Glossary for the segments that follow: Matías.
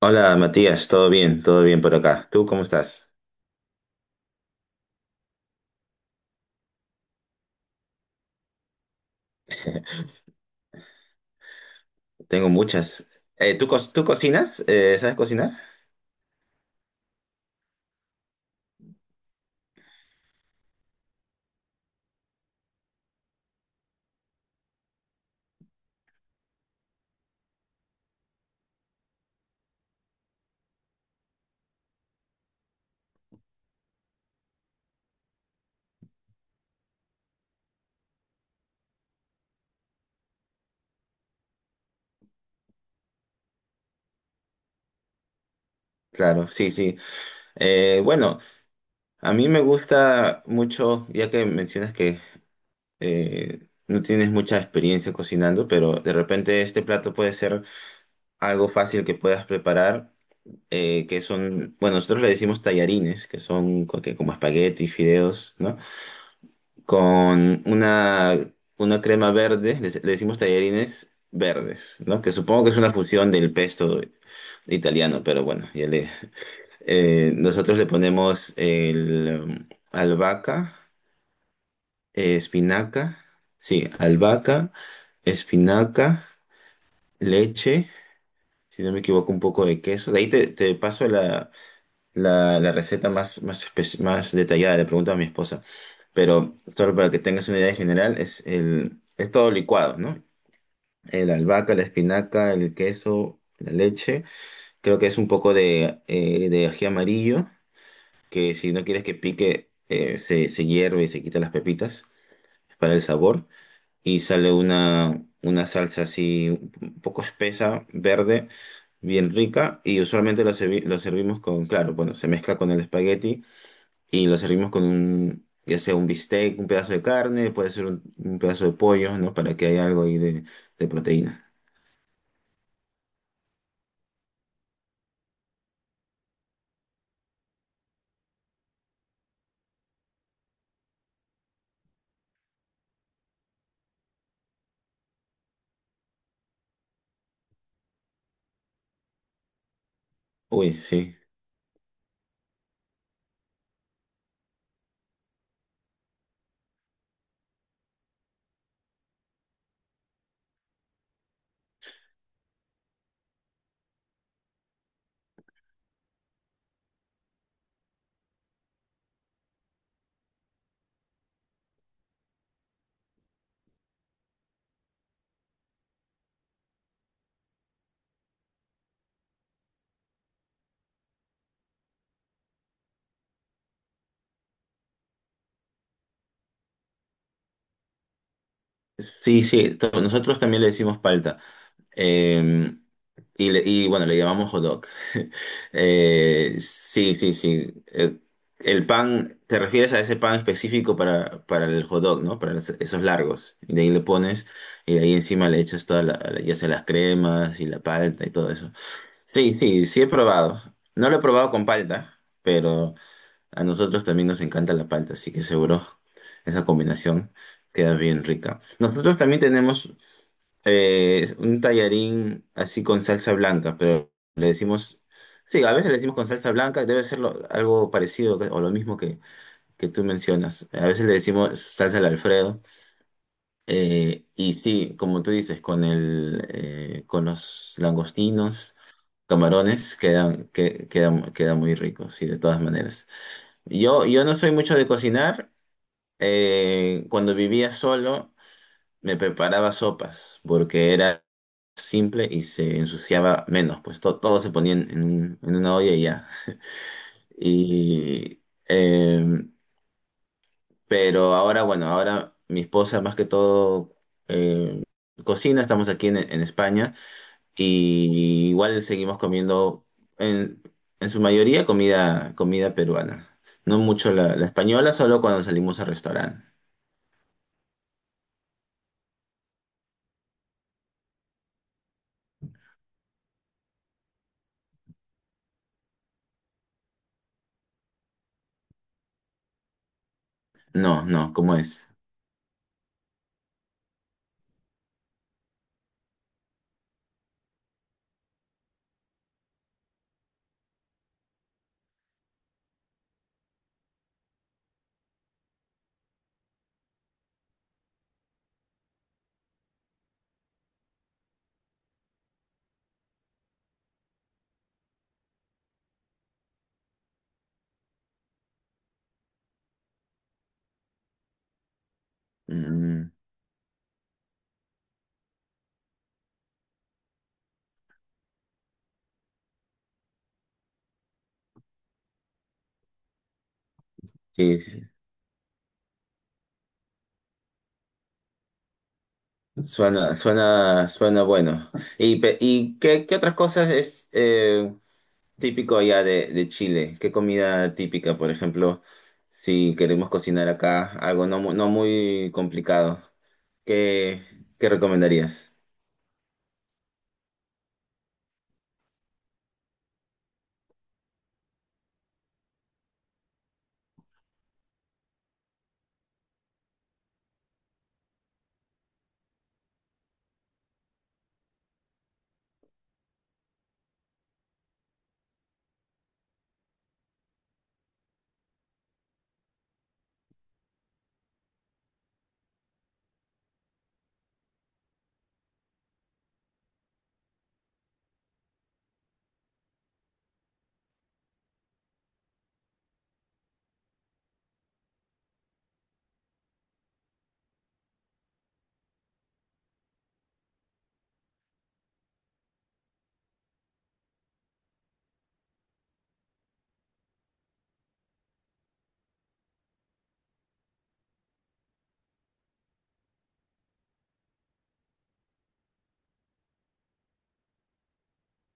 Hola Matías, todo bien por acá. ¿Tú cómo estás? Tengo muchas. ¿Tú, tú cocinas? ¿Sabes cocinar? Claro, sí, sí. Eh, bueno, a mí me gusta mucho, ya que mencionas que no tienes mucha experiencia cocinando, pero de repente este plato puede ser algo fácil que puedas preparar, que son, bueno, nosotros le decimos tallarines, que son que como espaguetis, fideos, ¿no? Con una crema verde, le decimos tallarines verdes, ¿no? Que supongo que es una fusión del pesto italiano, pero bueno, ya le, nosotros le ponemos el albahaca, espinaca, sí, albahaca, espinaca, leche, si no me equivoco, un poco de queso. De ahí te, te paso la, la, la receta más, más, más detallada, le pregunto a mi esposa. Pero solo para que tengas una idea en general, es, el, es todo licuado, ¿no? El albahaca, la espinaca, el queso, la leche, creo que es un poco de ají amarillo, que si no quieres que pique, se, se hierve y se quita las pepitas para el sabor, y sale una salsa así un poco espesa, verde, bien rica, y usualmente lo, lo servimos con, claro, bueno, se mezcla con el espagueti y lo servimos con un, ya sea un bistec, un pedazo de carne, puede ser un pedazo de pollo, ¿no? Para que haya algo ahí de proteína. Uy, sí. Sí, sí, nosotros también le decimos palta. Eh, y, y bueno, le llamamos hot dog. Sí, sí, sí. El pan, te refieres a ese pan específico para el hot dog, ¿no? Para esos largos. Y de ahí le pones, y de ahí encima le echas toda la, ya sea las cremas y la palta y todo eso. Sí, sí, sí he probado. No lo he probado con palta, pero a nosotros también nos encanta la palta, así que seguro esa combinación queda bien rica. Nosotros también tenemos un tallarín así con salsa blanca, pero le decimos, sí, a veces le decimos con salsa blanca, debe ser algo parecido o lo mismo que tú mencionas. A veces le decimos salsa al Alfredo. Eh, y sí, como tú dices, con el, con los langostinos. Camarones quedan, que, quedan, quedan muy ricos, sí, de todas maneras. Yo no soy mucho de cocinar. Cuando vivía solo, me preparaba sopas porque era simple y se ensuciaba menos, pues todo se ponía en en una olla y ya. Y, eh, pero ahora, bueno, ahora mi esposa más que todo eh, cocina, estamos aquí en España. Y igual seguimos comiendo en, en su mayoría comida, comida peruana. No mucho la, la española, solo cuando salimos al restaurante. No, no, ¿cómo es? Mm, sí, sí. Suena, suena, suena bueno. Y, y qué, qué otras cosas es típico allá de Chile? ¿Qué comida típica, por ejemplo, si queremos cocinar acá algo no, no muy complicado? ¿Qué, qué recomendarías?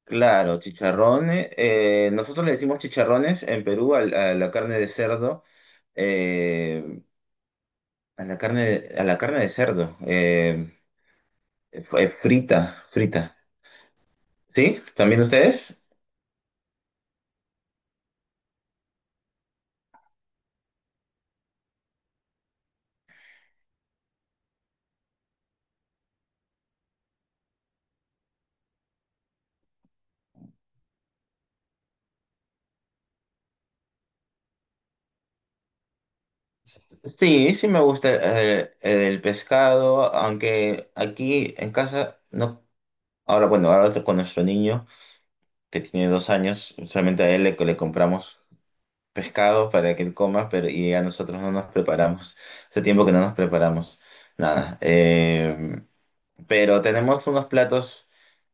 Claro, chicharrones. Nosotros le decimos chicharrones en Perú a, la carne de cerdo, eh, a la carne, de, a la carne de cerdo, frita, frita. ¿Sí? ¿También ustedes? Sí, sí me gusta el, pescado, aunque aquí en casa no. Ahora, bueno, ahora con nuestro niño que tiene dos años, solamente a él le compramos pescado para que él coma, pero y a nosotros no nos preparamos. Hace tiempo que no nos preparamos nada. Pero tenemos unos platos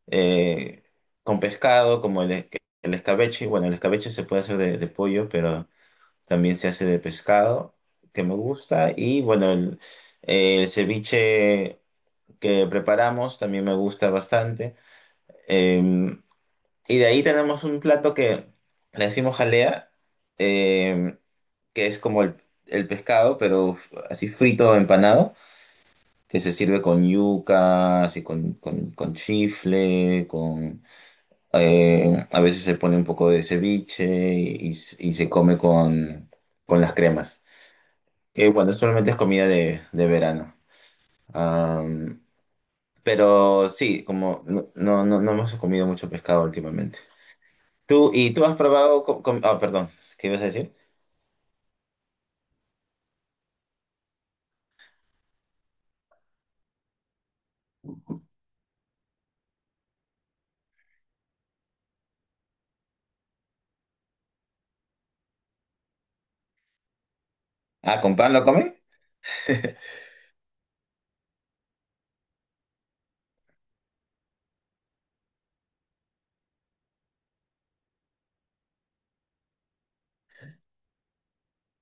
eh, con pescado, como el, el escabeche. Bueno, el escabeche se puede hacer de pollo, pero también se hace de pescado, que me gusta. Y bueno, el ceviche que preparamos también me gusta bastante. Em, y de ahí tenemos un plato que le decimos jalea, eh, que es como el pescado, pero así frito, empanado, que se sirve con yuca, así con chifle, con... a veces se pone un poco de ceviche y se come con las cremas. Bueno, solamente es comida de verano. Am, pero sí, como no, no, no hemos comido mucho pescado últimamente. Tú, ¿y tú has probado con, ah, perdón, ¿qué ibas a decir? ¿Ah, con pan lo comen?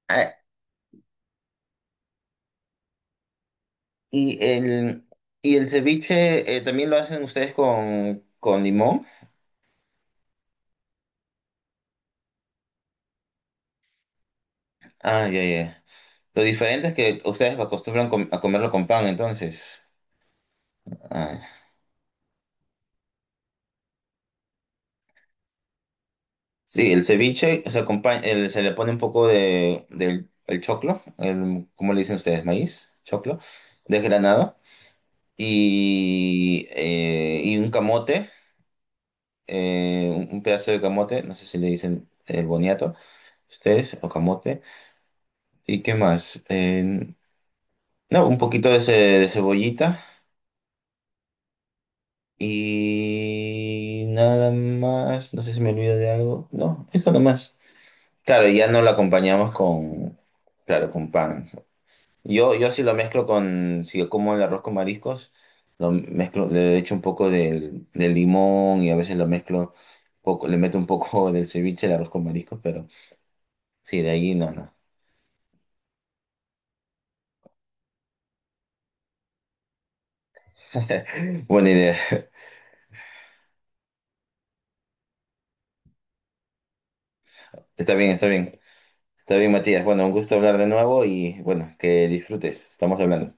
Ah, y el, y el ceviche también lo hacen ustedes con limón. Ah, ya, ya. Lo diferente es que ustedes acostumbran a comerlo con pan, entonces. Ah, sí, el ceviche se acompaña, se le pone un poco de, del el choclo, el, ¿cómo le dicen ustedes? Maíz, choclo, desgranado, y un camote. Un pedazo de camote, no sé si le dicen boniato, ustedes, o camote, y qué más. No, un poquito de, de cebollita y nada más, no sé si me olvido de algo, no, esto nomás. Claro, ya no lo acompañamos con, claro, con pan. Yo sí lo mezclo con, si yo como el arroz con mariscos, lo mezclo, le echo un poco del, del limón y a veces lo mezclo, poco, le meto un poco del ceviche, el arroz con mariscos, pero... Sí, de ahí no, no. Buena idea. Está bien, está bien. Está bien, Matías. Bueno, un gusto hablar de nuevo y bueno, que disfrutes. Estamos hablando.